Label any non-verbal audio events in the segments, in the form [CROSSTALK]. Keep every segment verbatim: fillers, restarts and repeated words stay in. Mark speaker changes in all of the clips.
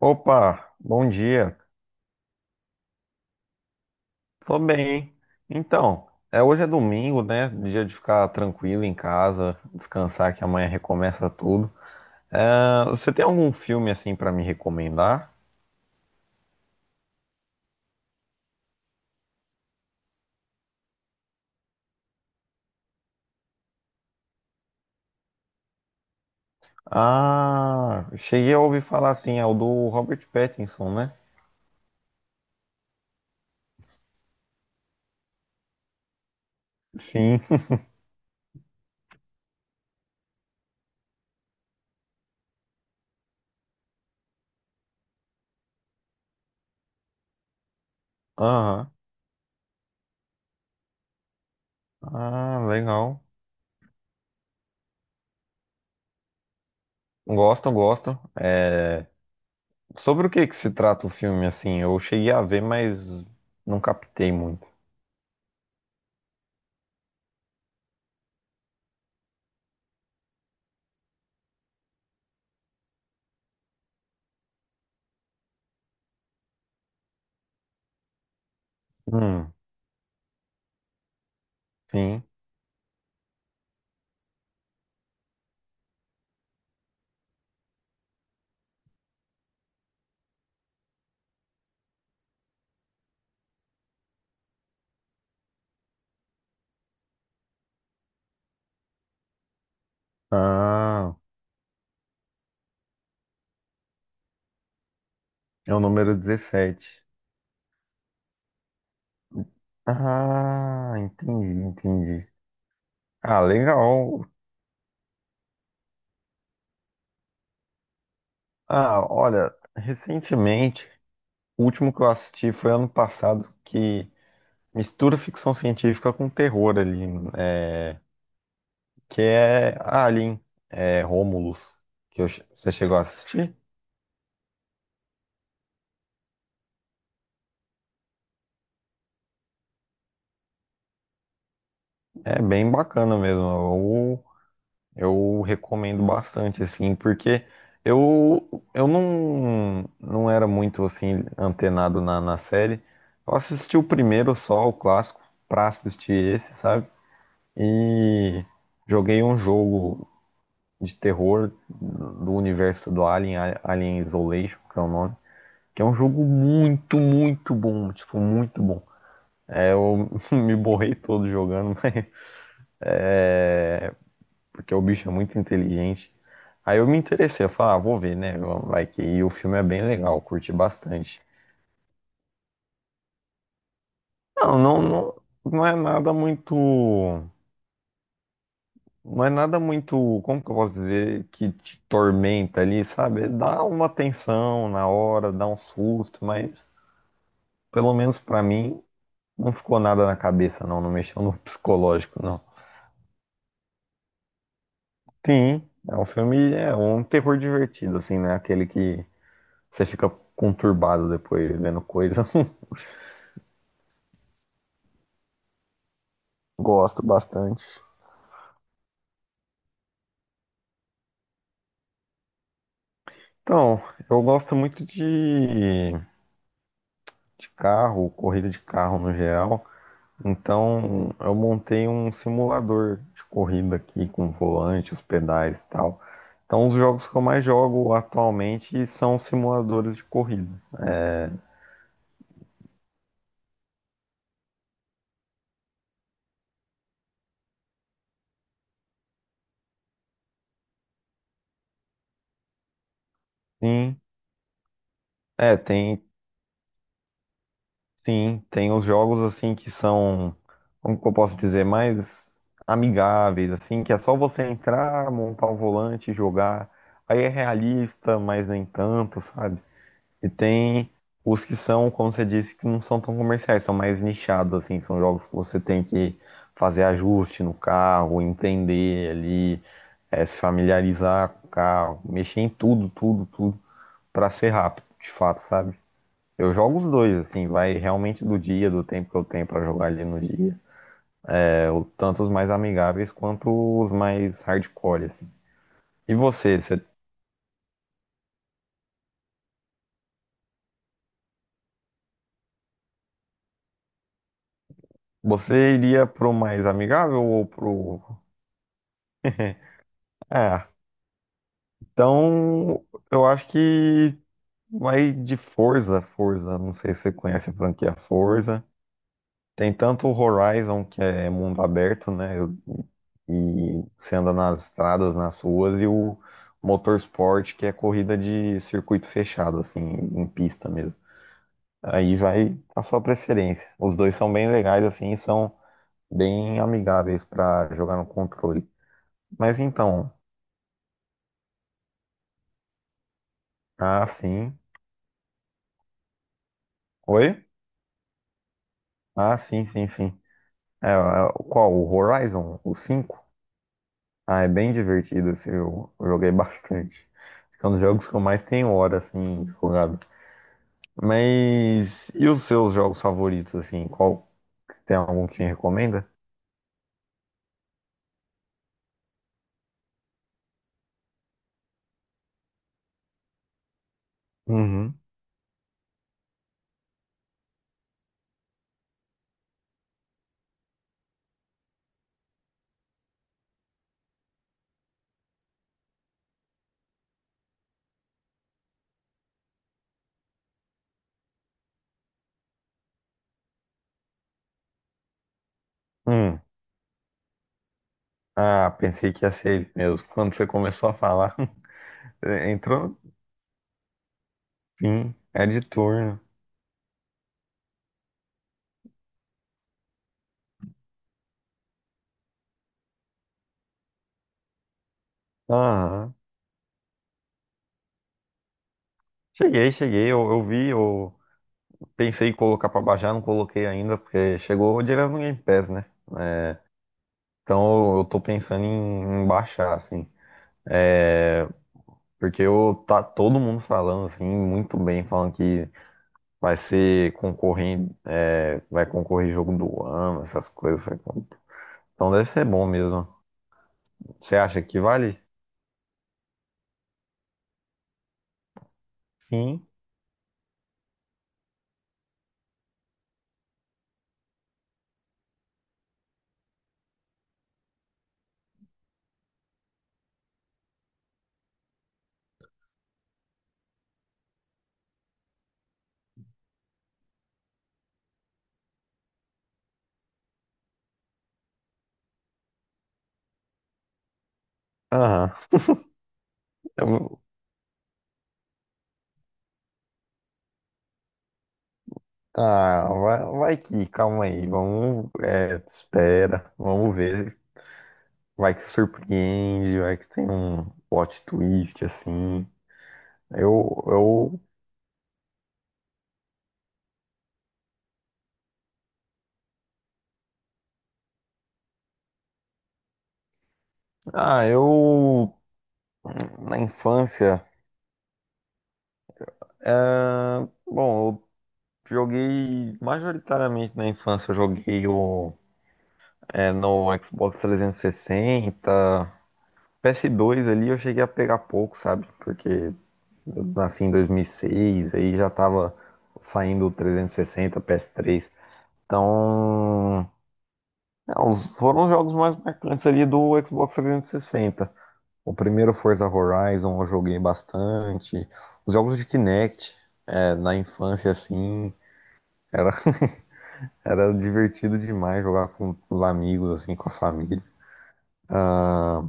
Speaker 1: Opa, bom dia. Tô bem. Então, é, hoje é domingo, né? Dia de ficar tranquilo em casa, descansar que amanhã recomeça tudo. É, você tem algum filme assim pra me recomendar? Ah, cheguei a ouvir falar assim, é o do Robert Pattinson, né? Sim. [LAUGHS] Aham. Ah, legal. Gosto, gosto. É, sobre o que que se trata o filme assim? Eu cheguei a ver, mas não captei muito. Hum, sim. Ah. É o número dezessete. Ah, entendi, entendi. Ah, legal. Ah, olha, recentemente, o último que eu assisti foi ano passado, que mistura ficção científica com terror ali, é, que é Alien, é, Romulus, que eu che- você chegou a assistir. É bem bacana mesmo. Eu recomendo bastante, assim, porque eu, eu não, não era muito, assim, antenado na, na série. Eu assisti o primeiro só, o clássico, pra assistir esse, sabe? E joguei um jogo de terror do universo do Alien, A- Alien Isolation, que é o nome, que é um jogo muito, muito bom, tipo, muito bom. É, eu [LAUGHS] me borrei todo jogando, [LAUGHS] mas é, porque o bicho é muito inteligente. Aí eu me interessei, eu falei, ah, vou ver, né? Vai que e o filme é bem legal, eu curti bastante. Não, não, não, não é nada muito, não é nada muito, como que eu posso dizer, que te tormenta ali, sabe? Dá uma tensão na hora, dá um susto, mas pelo menos pra mim não ficou nada na cabeça, não, não mexeu no [LAUGHS] psicológico, não. Sim, é um filme, é um terror divertido, assim, né? Aquele que você fica conturbado depois vendo coisa. Gosto bastante. Então, eu gosto muito de, de carro, corrida de carro no geral. Então, eu montei um simulador de corrida aqui com volante, os pedais e tal. Então, os jogos que eu mais jogo atualmente são simuladores de corrida. Sim, é, tem, Sim, tem os jogos assim que são, como que eu posso dizer, mais amigáveis, assim, que é só você entrar, montar o volante, e jogar. Aí é realista, mas nem tanto, sabe? E tem os que são, como você disse, que não são tão comerciais, são mais nichados, assim, são jogos que você tem que fazer ajuste no carro, entender ali, eh, se familiarizar com o carro, mexer em tudo, tudo, tudo, pra ser rápido, de fato, sabe? Eu jogo os dois, assim, vai realmente do dia, do tempo que eu tenho pra jogar ali no dia. É, o- tanto os mais amigáveis quanto os mais hardcore, assim. E você, você, você iria pro mais amigável ou pro. [LAUGHS] Ah, então eu acho que vai de Forza, Forza. Não sei se você conhece a franquia Forza. Tem tanto o Horizon, que é mundo aberto, né? eu- E você anda nas estradas, nas ruas, e o Motorsport, que é corrida de circuito fechado, assim, em pista mesmo. Aí vai a sua preferência. Os dois são bem legais, assim, e são bem amigáveis para jogar no controle. Mas então, ah, sim. Oi? Ah, sim, sim, sim. É, é, qual? O Horizon? O cinco? Ah, é bem divertido, assim, eu eu joguei bastante. Acho que é um dos jogos que eu mais tenho hora, assim, jogado. Mas, e os seus jogos favoritos, assim, qual, tem algum que me recomenda? Uhum. Hum, ah, pensei que ia ser ele mesmo. Quando você começou a falar, [LAUGHS] é, entrou, sim, é de turno. Aham. Cheguei, cheguei, eu, eu vi, eu pensei em colocar pra baixar, não coloquei ainda, porque chegou direto no Game Pass, né? Então eu, eu tô pensando em, em baixar, assim. Porque eu, tá todo mundo falando assim, muito bem, falando que vai ser concorrente, é, vai concorrer jogo do ano, essas coisas. Eu falei, "Pô, então deve ser bom mesmo. Você acha que vale?" Sim. Aham. Eu- vou- Ah, vai, vai que, calma aí, vamos, é, espera, vamos ver. Vai que surpreende, vai que tem um plot twist assim. Eu, eu, ah, eu, Na infância, é, bom, joguei majoritariamente na infância, eu joguei o, é, no Xbox trezentos e sessenta, P S dois ali eu cheguei a pegar pouco, sabe? Porque eu nasci em dois mil e seis, aí já tava saindo o trezentos e sessenta, P S três. Então, é, os- foram os jogos mais marcantes ali do Xbox trezentos e sessenta. O primeiro Forza Horizon eu joguei bastante. Os jogos de Kinect, é, na infância assim, era era divertido demais jogar com os amigos, assim, com a família. Ah,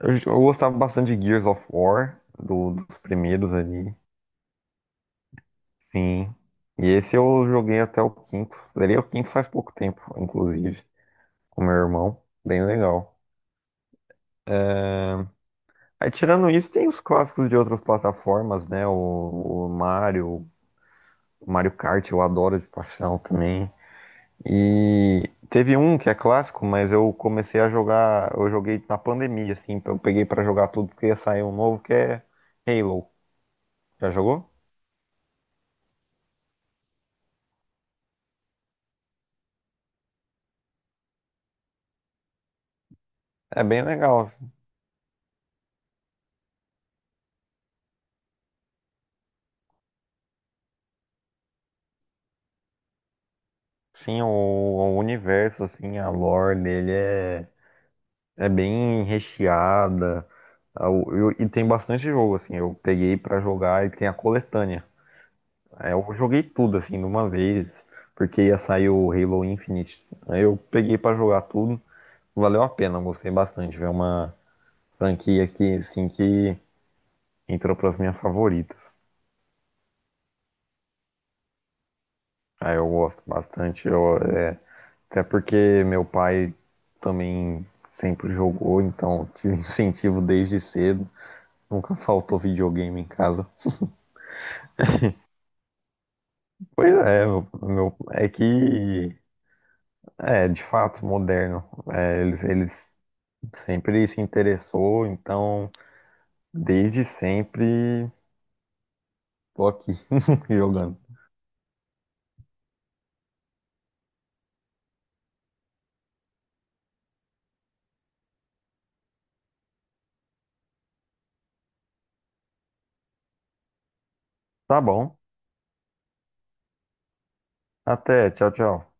Speaker 1: eu, eu gostava bastante de Gears of War, do- dos primeiros ali. Sim. E esse eu joguei até o quinto. Zerei o quinto faz pouco tempo, inclusive, com meu irmão. Bem legal. Aí, tirando isso, tem os clássicos de outras plataformas, né? O, o Mario, o Mario Kart, eu adoro de paixão também. E teve um que é clássico, mas eu comecei a jogar, eu joguei na pandemia, assim, então eu peguei pra jogar tudo porque ia sair um novo que é Halo. Já jogou? É bem legal, assim. Sim, o, o universo, assim, a lore dele é, é bem recheada. Ah, o- eu- e tem bastante jogo, assim, eu peguei pra jogar e tem a coletânea. Aí eu joguei tudo, assim, de uma vez, porque ia sair o Halo Infinite. Aí eu peguei pra jogar tudo, valeu a pena, eu gostei bastante. Foi uma franquia que, assim, que entrou para as minhas favoritas. Aí eu gosto bastante, eu, é, até porque meu pai também sempre jogou, então tive [LAUGHS] incentivo desde cedo. Nunca faltou videogame em casa. Pois é, meu, meu- é que é de fato moderno. É, eles, eles sempre se interessou, então desde sempre tô aqui [LAUGHS] jogando. Tá bom. Até, tchau, tchau.